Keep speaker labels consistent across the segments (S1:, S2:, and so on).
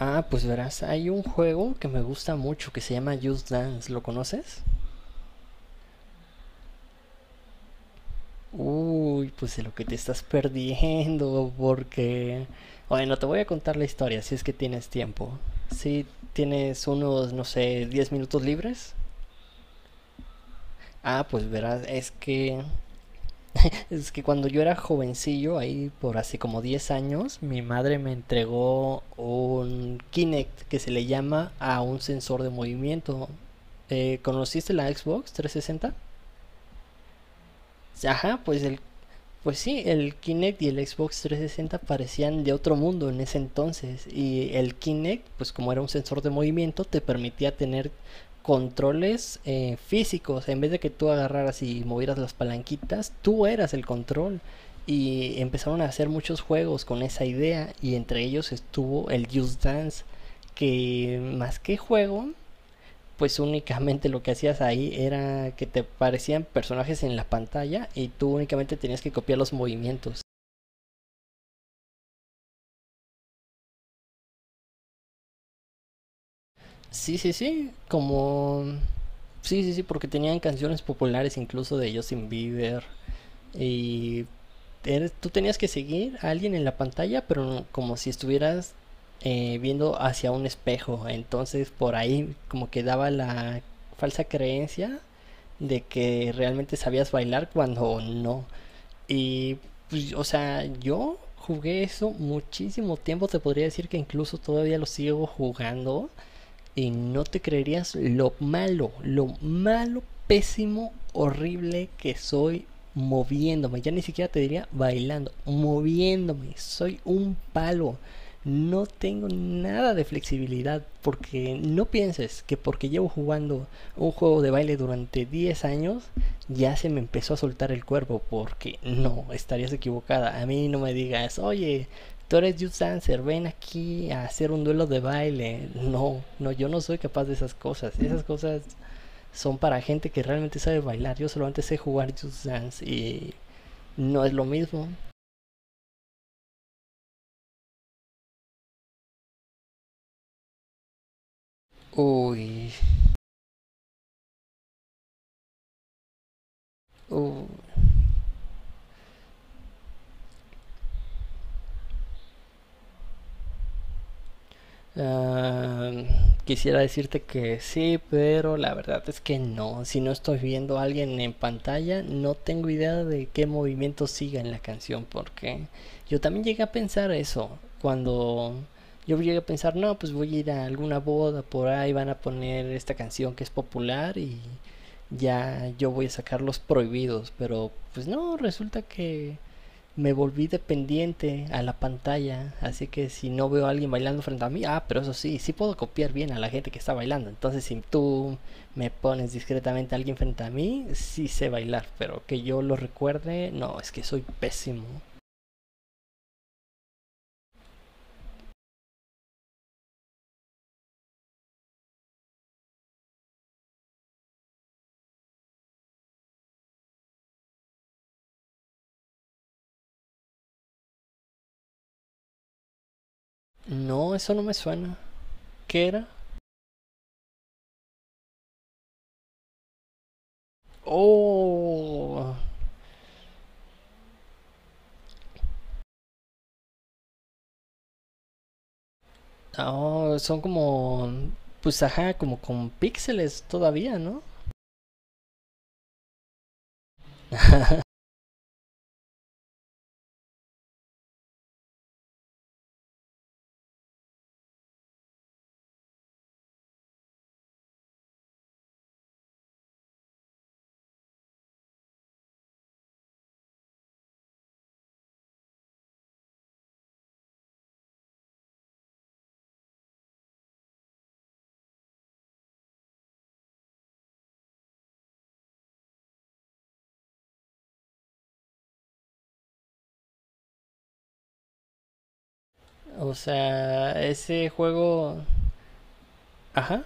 S1: Ah, pues verás, hay un juego que me gusta mucho que se llama Just Dance, ¿lo conoces? Uy, pues de lo que te estás perdiendo, porque... Bueno, te voy a contar la historia si es que tienes tiempo. Si tienes unos, no sé, 10 minutos libres. Ah, pues verás, es que... Es que cuando yo era jovencillo, ahí por hace como 10 años, mi madre me entregó un Kinect que se le llama a un sensor de movimiento. ¿Conociste la Xbox 360? Ajá, pues sí, el Kinect y el Xbox 360 parecían de otro mundo en ese entonces. Y el Kinect, pues como era un sensor de movimiento, te permitía tener controles físicos. En vez de que tú agarraras y movieras las palanquitas, tú eras el control. Y empezaron a hacer muchos juegos con esa idea. Y entre ellos estuvo el Just Dance. Que más que juego, pues únicamente lo que hacías ahí era que te parecían personajes en la pantalla y tú únicamente tenías que copiar los movimientos. Sí, sí, sí, como... Sí, sí, sí, porque tenían canciones populares incluso de Justin Bieber y tú tenías que seguir a alguien en la pantalla, pero como si estuvieras viendo hacia un espejo. Entonces por ahí como que daba la falsa creencia de que realmente sabías bailar cuando no. Y, pues, o sea, yo jugué eso muchísimo tiempo, te podría decir que incluso todavía lo sigo jugando y no te creerías lo malo, pésimo, horrible que soy moviéndome. Ya ni siquiera te diría bailando, moviéndome. Soy un palo. No tengo nada de flexibilidad porque no pienses que porque llevo jugando un juego de baile durante 10 años ya se me empezó a soltar el cuerpo porque no, estarías equivocada. A mí no me digas, oye, tú eres you dancer, ven aquí a hacer un duelo de baile. No, no, yo no soy capaz de esas cosas. Esas cosas son para gente que realmente sabe bailar. Yo solamente sé jugar you dance y no es lo mismo. Uy, uy. Ah, quisiera decirte que sí, pero la verdad es que no. Si no estoy viendo a alguien en pantalla, no tengo idea de qué movimiento siga en la canción, porque yo también llegué a pensar eso. Cuando yo llegué a pensar, no, pues voy a ir a alguna boda por ahí, van a poner esta canción que es popular y ya yo voy a sacar los prohibidos, pero pues no, resulta que me volví dependiente a la pantalla, así que si no veo a alguien bailando frente a mí, ah, pero eso sí, sí puedo copiar bien a la gente que está bailando. Entonces, si tú me pones discretamente a alguien frente a mí, sí sé bailar, pero que yo lo recuerde, no, es que soy pésimo. No, eso no me suena. ¿Qué era? Oh, oh, son como, pues ajá, como con píxeles todavía, ¿no? O sea, ese juego, ajá.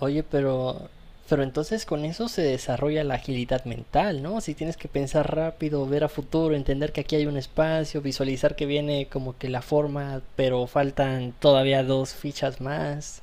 S1: Oye, pero, entonces con eso se desarrolla la agilidad mental, ¿no? Si tienes que pensar rápido, ver a futuro, entender que aquí hay un espacio, visualizar que viene como que la forma, pero faltan todavía dos fichas más.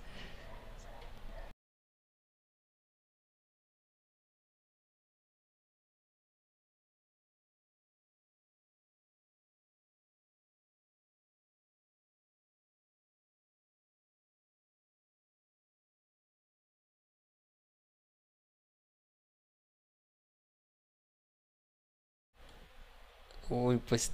S1: Uy, pues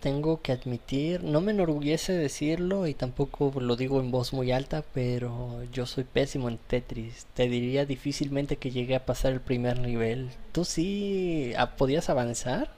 S1: tengo que admitir, no me enorgullece decirlo y tampoco lo digo en voz muy alta, pero yo soy pésimo en Tetris. Te diría difícilmente que llegué a pasar el primer nivel. ¿Tú sí podías avanzar?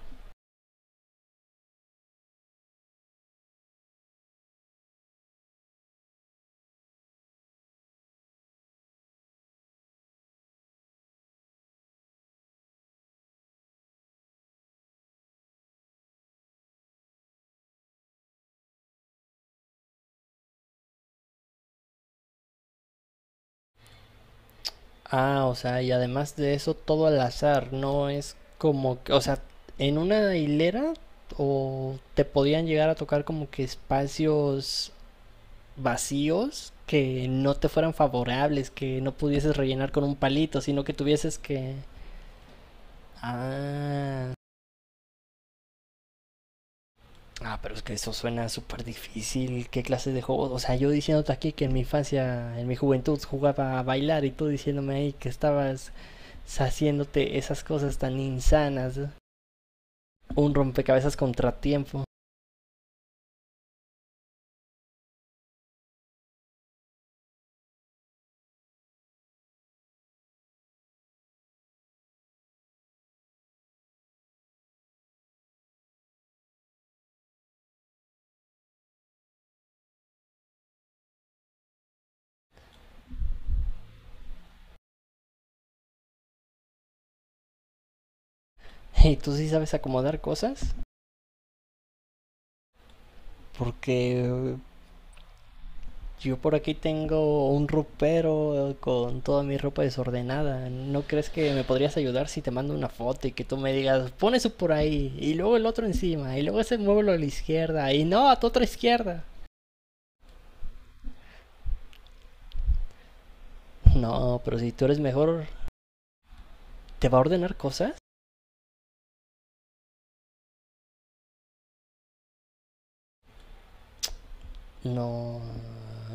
S1: Ah, o sea, y además de eso, todo al azar, no es como que, o sea, en una hilera o te podían llegar a tocar como que espacios vacíos que no te fueran favorables, que no pudieses rellenar con un palito, sino que tuvieses que... Ah, ah, pero es que eso suena súper difícil, ¿qué clase de juego? O sea, yo diciéndote aquí que en mi infancia, en mi juventud jugaba a bailar y tú diciéndome ahí que estabas haciéndote esas cosas tan insanas, ¿no? Un rompecabezas contratiempo. ¿Y tú sí sabes acomodar cosas? Porque yo por aquí tengo un ropero con toda mi ropa desordenada. ¿No crees que me podrías ayudar si te mando una foto y que tú me digas, pon eso por ahí, y luego el otro encima, y luego ese muévelo a la izquierda, y no, a tu otra izquierda? No, pero si tú eres mejor, ¿te va a ordenar cosas? No,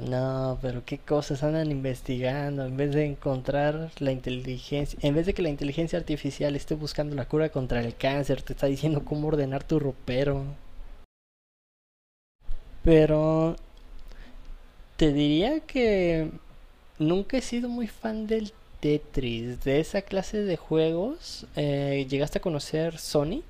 S1: no, pero qué cosas andan investigando en vez de encontrar la inteligencia, en vez de que la inteligencia artificial esté buscando la cura contra el cáncer, te está diciendo cómo ordenar tu ropero. Pero te diría que nunca he sido muy fan del Tetris, de esa clase de juegos. ¿Llegaste a conocer Sonic?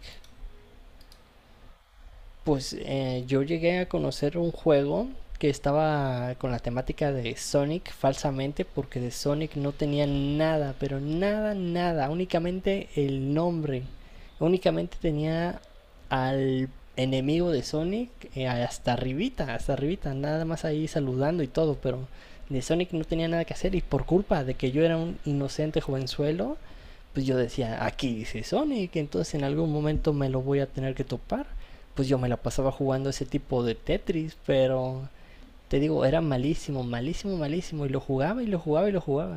S1: Pues yo llegué a conocer un juego que estaba con la temática de Sonic falsamente porque de Sonic no tenía nada, pero nada, nada, únicamente el nombre, únicamente tenía al enemigo de Sonic hasta arribita, nada más ahí saludando y todo, pero de Sonic no tenía nada que hacer y por culpa de que yo era un inocente jovenzuelo, pues yo decía, aquí dice Sonic, entonces en algún momento me lo voy a tener que topar. Pues yo me la pasaba jugando ese tipo de Tetris, pero te digo, era malísimo, malísimo, malísimo. Y lo jugaba y lo jugaba y lo jugaba.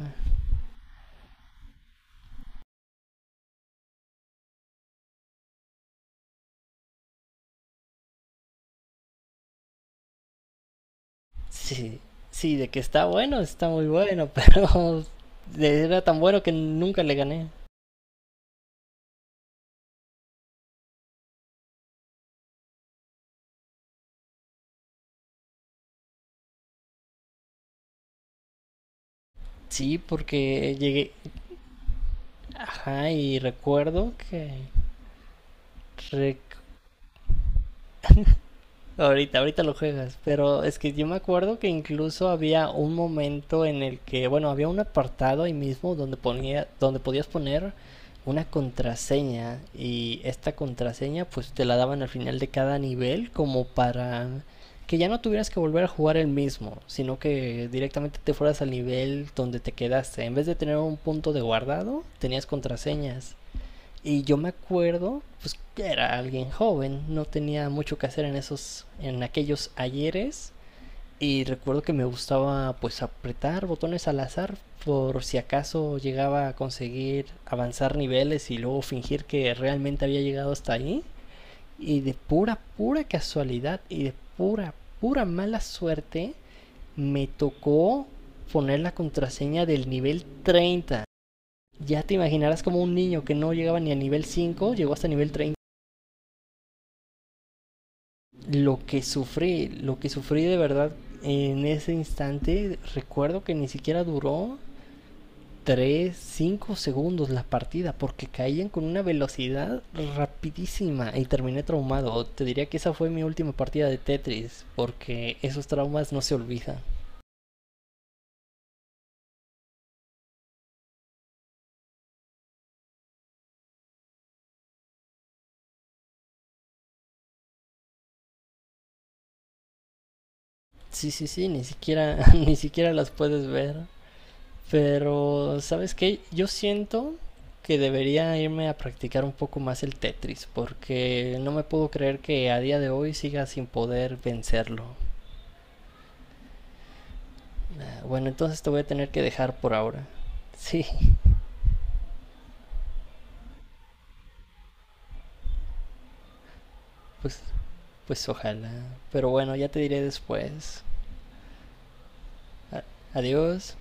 S1: Sí, sí, de que está bueno, está muy bueno, pero era tan bueno que nunca le gané. Sí, porque llegué, ajá, y recuerdo que... Ahorita, ahorita lo juegas, pero es que yo me acuerdo que incluso había un momento en el que, bueno, había un apartado ahí mismo donde ponía, donde podías poner una contraseña y esta contraseña pues te la daban al final de cada nivel como para que ya no tuvieras que volver a jugar el mismo, sino que directamente te fueras al nivel donde te quedaste. En vez de tener un punto de guardado, tenías contraseñas. Y yo me acuerdo, pues que era alguien joven, no tenía mucho que hacer en esos, en aquellos ayeres. Y recuerdo que me gustaba pues apretar botones al azar por si acaso llegaba a conseguir avanzar niveles y luego fingir que realmente había llegado hasta ahí. Y de pura, pura casualidad y de pura, pura mala suerte me tocó poner la contraseña del nivel 30. Ya te imaginarás, como un niño que no llegaba ni a nivel 5, llegó hasta nivel 30. Lo que sufrí de verdad en ese instante, recuerdo que ni siquiera duró 3, 5 segundos la partida, porque caían con una velocidad rapidísima y terminé traumado. Te diría que esa fue mi última partida de Tetris, porque esos traumas no se olvidan. Sí, sí, sí, ni siquiera, ni siquiera las puedes ver. Pero, ¿sabes qué? Yo siento que debería irme a practicar un poco más el Tetris, porque no me puedo creer que a día de hoy siga sin poder vencerlo. Bueno, entonces te voy a tener que dejar por ahora. Sí, pues, ojalá. Pero bueno, ya te diré después. A- Adiós.